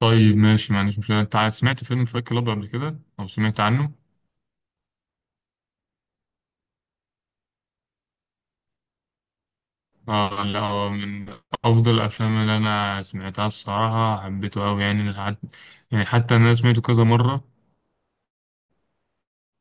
طيب ماشي، ما عنديش مشكلة. أنت سمعت فيلم فايت كلاب قبل كده أو سمعت عنه؟ آه لا، هو من أفضل الأفلام اللي أنا سمعتها الصراحة. حبيته أوي يعني لحد. يعني حتى أنا سمعته كذا مرة،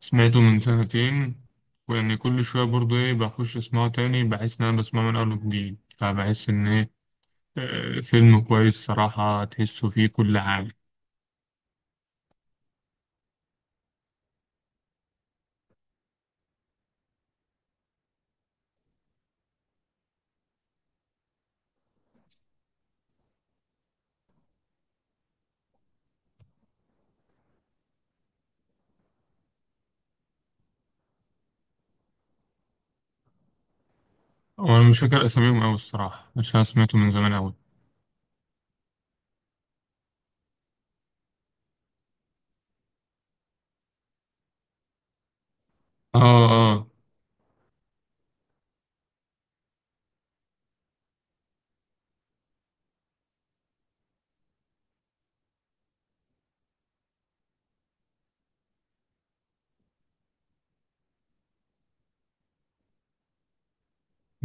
سمعته من سنتين، وإن كل شوية برضه إيه، بخش أسمعه تاني بحس إن أنا بسمعه من أول وجديد، فبحس إن إيه. فيلم كويس صراحة، تحسه فيه كل حاجة. وأنا مش فاكر أساميهم أوي الصراحة، عشان أنا سمعته من زمان أوي. آه. آه.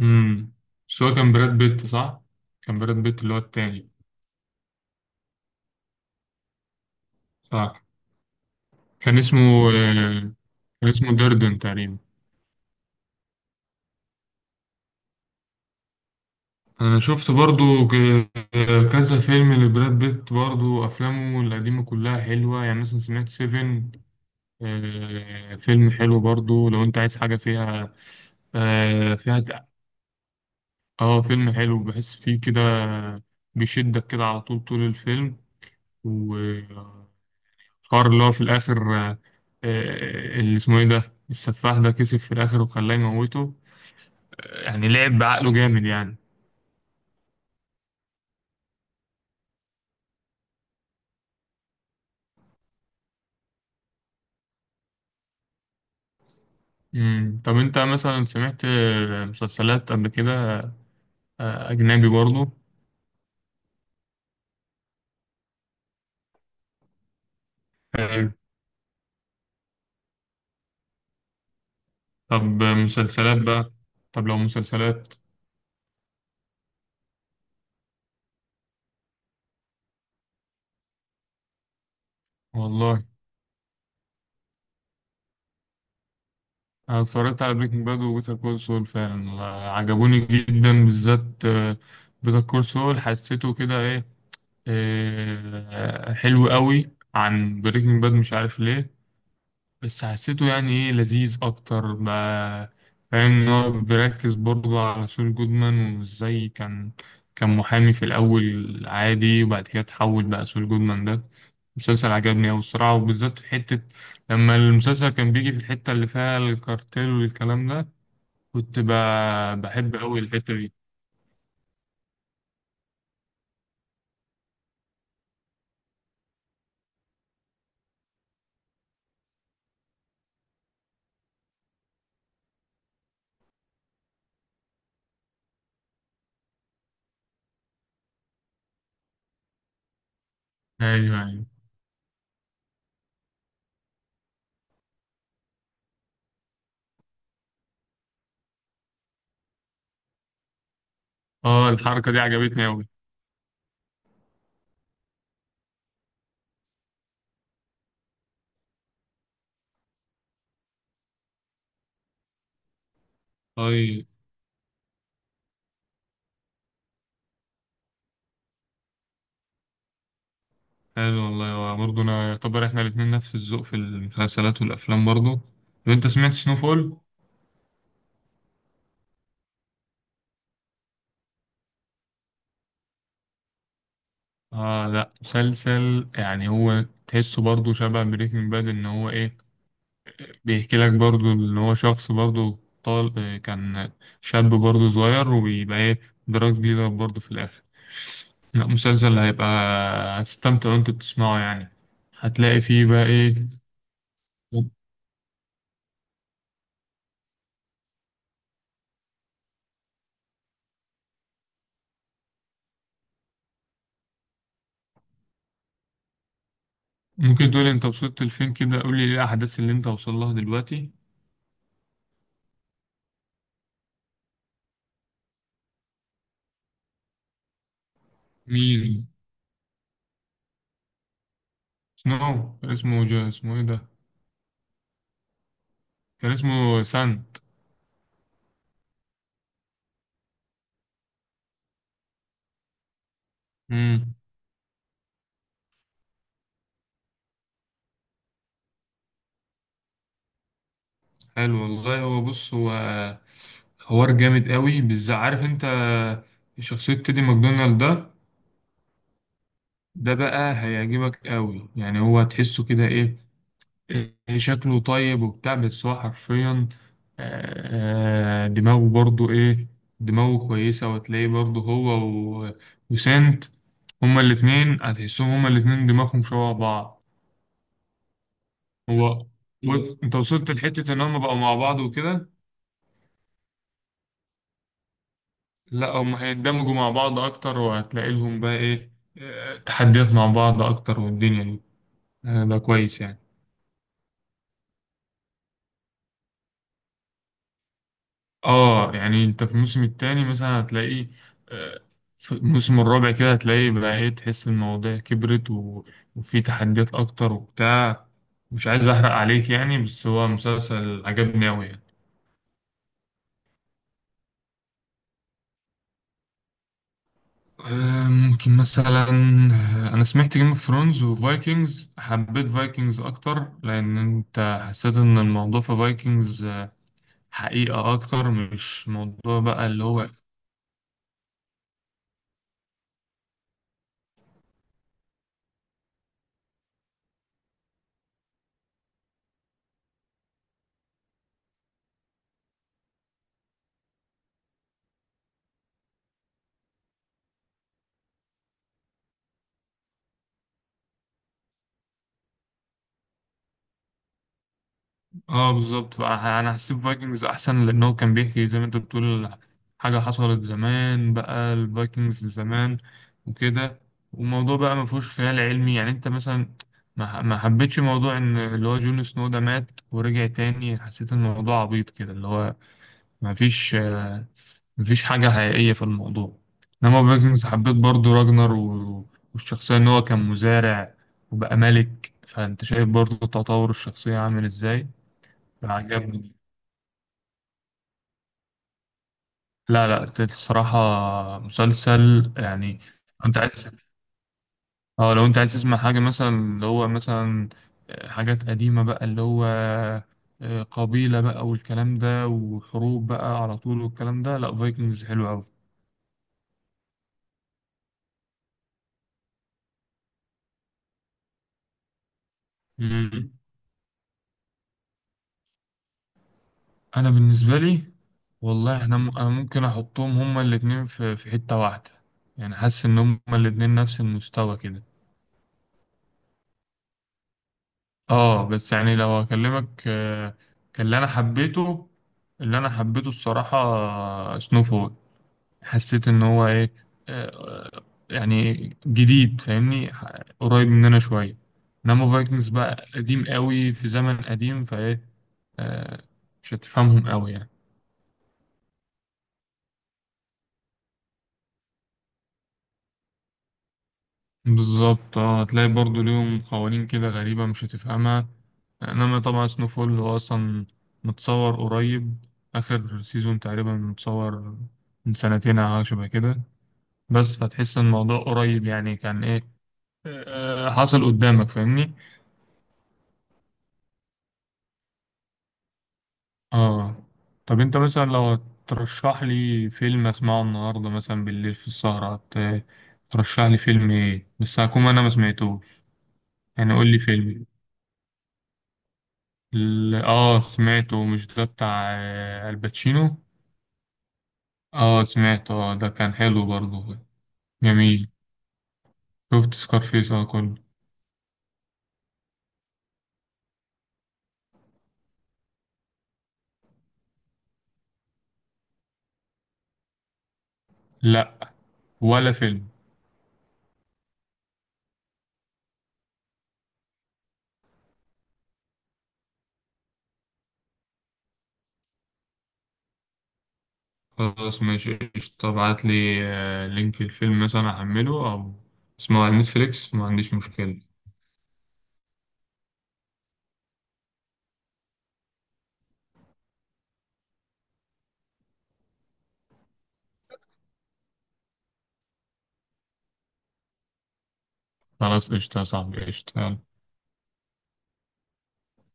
امم. بس هو كان براد بيت، صح؟ كان براد بيت اللي هو التاني. صح. كان اسمه آه، كان اسمه دردن تقريبا. انا شفت برضو كذا فيلم لبراد بيت، برضو افلامه القديمه كلها حلوه، يعني مثلا سمعت سيفن. فيلم حلو برضو لو انت عايز حاجه فيها. آه، فيها د- اه، فيلم حلو، بحس فيه كده بيشدك كده على طول. طول الفيلم، حوار اللي هو في الآخر، اللي اسمه إيه ده، السفاح ده كسب في الآخر وخلاه يموته. يعني لعب بعقله جامد يعني. مم. طب أنت مثلا سمعت مسلسلات قبل كده؟ أجنبي برضه؟ حلو. طب مسلسلات بقى، طب لو مسلسلات. والله أنا اتفرجت على بريكنج باد وبيتر كول سول فعلا، عجبوني جدا، بالذات بيتر كول سول. حسيته كده إيه، حلو قوي عن بريكنج باد، مش عارف ليه، بس حسيته يعني ايه، لذيذ اكتر ما، فاهم؟ ان هو بيركز برضه على سول جودمان، وازاي كان محامي في الاول عادي، وبعد كده اتحول بقى سول جودمان ده. مسلسل عجبني اوي الصراحه، وبالذات في حته لما المسلسل كان بيجي في الحته اللي فيها الكارتيل والكلام ده. كنت ب... بحب اوي الحته دي. ايوه، ايوه. اه، الحركه دي عجبتني اوي. طيب، حلو والله برضه. انا يعتبر احنا الاتنين نفس الذوق في المسلسلات والافلام برضه. طب انت سمعت سنوفول؟ آه لا، مسلسل يعني هو تحسه برضه شبه بريكنج باد، إن هو إيه، بيحكي لك برضه إن هو شخص برضه طال كان شاب برضه صغير، وبيبقى إيه، دراج ديلر برضه في الآخر. لا، مسلسل هيبقى هتستمتع وأنت بتسمعه يعني. هتلاقي فيه بقى إيه. ممكن تقولي أنت وصلت لفين كده؟ قولي إيه الأحداث اللي أنت وصل لها دلوقتي؟ مين؟ سنو كان اسمه جو، اسمه إيه ده؟ كان اسمه سانت. مم. حلو والله. هو بص، هو حوار جامد قوي، بالذات عارف انت شخصية تيدي ماكدونالد ده، ده بقى هيعجبك قوي يعني. هو تحسه كده ايه، إيه شكله طيب وبتاع، بس هو حرفيا دماغه برضو ايه، دماغه كويسة. وتلاقيه برضو هو و- وسنت، هما الاتنين هتحسهم هما الاتنين دماغهم شبه بعض. هو بص، انت وصلت لحتة ان هما بقوا مع بعض وكده. لا، هم هيندمجوا مع بعض اكتر، وهتلاقي لهم بقى ايه، تحديات مع بعض اكتر، والدنيا دي هيبقى كويس يعني. اه، يعني انت في الموسم التاني مثلا هتلاقي، آه، في الموسم الرابع كده هتلاقي بقى ايه، تحس المواضيع كبرت، و... وفي تحديات اكتر وبتاع. مش عايز احرق عليك يعني، بس هو مسلسل عجبني اوي يعني. ممكن مثلا، انا سمعت جيم اوف ثرونز وفايكنجز. حبيت فايكنجز اكتر، لان انت حسيت ان الموضوع في فايكنجز حقيقة أكتر، مش موضوع بقى اللي هو. آه بالظبط، بقى أنا هسيب فايكنجز أحسن، لأن هو كان بيحكي زي ما أنت بتقول حاجة حصلت زمان، بقى الفايكنجز زمان وكده. والموضوع بقى ما فيهوش خيال علمي، يعني أنت مثلا ما حبيتش موضوع إن اللي هو جون سنو ده مات ورجع تاني. حسيت الموضوع عبيط كده، اللي هو ما فيش مفيش حاجة حقيقية في الموضوع. إنما فايكنجز، حبيت برضو راجنر، و... والشخصية إن هو كان مزارع وبقى ملك، فأنت شايف برضو تطور الشخصية عامل إزاي، فعجبني. لا لا، الصراحة مسلسل يعني. أنت عايز أه، لو أنت عايز تسمع حاجة مثلا اللي هو مثلا حاجات قديمة بقى اللي هو، قبيلة بقى والكلام ده، وحروب بقى على طول والكلام ده، لا فايكنجز حلو أوي. مم. أنا بالنسبة لي والله احنا انا ممكن احطهم هما الاتنين في حتة واحدة. يعني حاسس ان هما الاتنين نفس المستوى كده. اه، بس يعني لو اكلمك، كان اللي انا حبيته اللي انا حبيته الصراحة سنو فول. حسيت ان هو ايه، آه، يعني جديد، فاهمني؟ قريب مننا شوية. انما فايكنجز بقى قديم قوي، في زمن قديم، فايه، آه، مش هتفهمهم قوي يعني. بالظبط. اه هتلاقي برضو ليهم قوانين كده غريبة، مش هتفهمها. انما طبعا سنوفول هو اصلا متصور قريب، اخر سيزون تقريبا، متصور من سنتين او حاجة شبه كده. بس فتحس ان الموضوع قريب، يعني كان ايه، حصل قدامك، فاهمني؟ اه. طب انت مثلا لو ترشح لي فيلم اسمعه النهاردة مثلا بالليل في السهرة ترشح لي فيلم ايه، بس هكون انا ما سمعتوش، يعني قول لي فيلم. اه سمعته، مش ده بتاع الباتشينو؟ اه سمعته، اه ده كان حلو برضه. جميل، شفت سكارفيس اه كله. لا، ولا فيلم. خلاص ماشي قشطة، ابعت لي لينك الفيلم مثلا احمله، او اسمه على نتفليكس، ما عنديش مشكلة. خلاص قشطة يا صاحبي، قشطة يلا.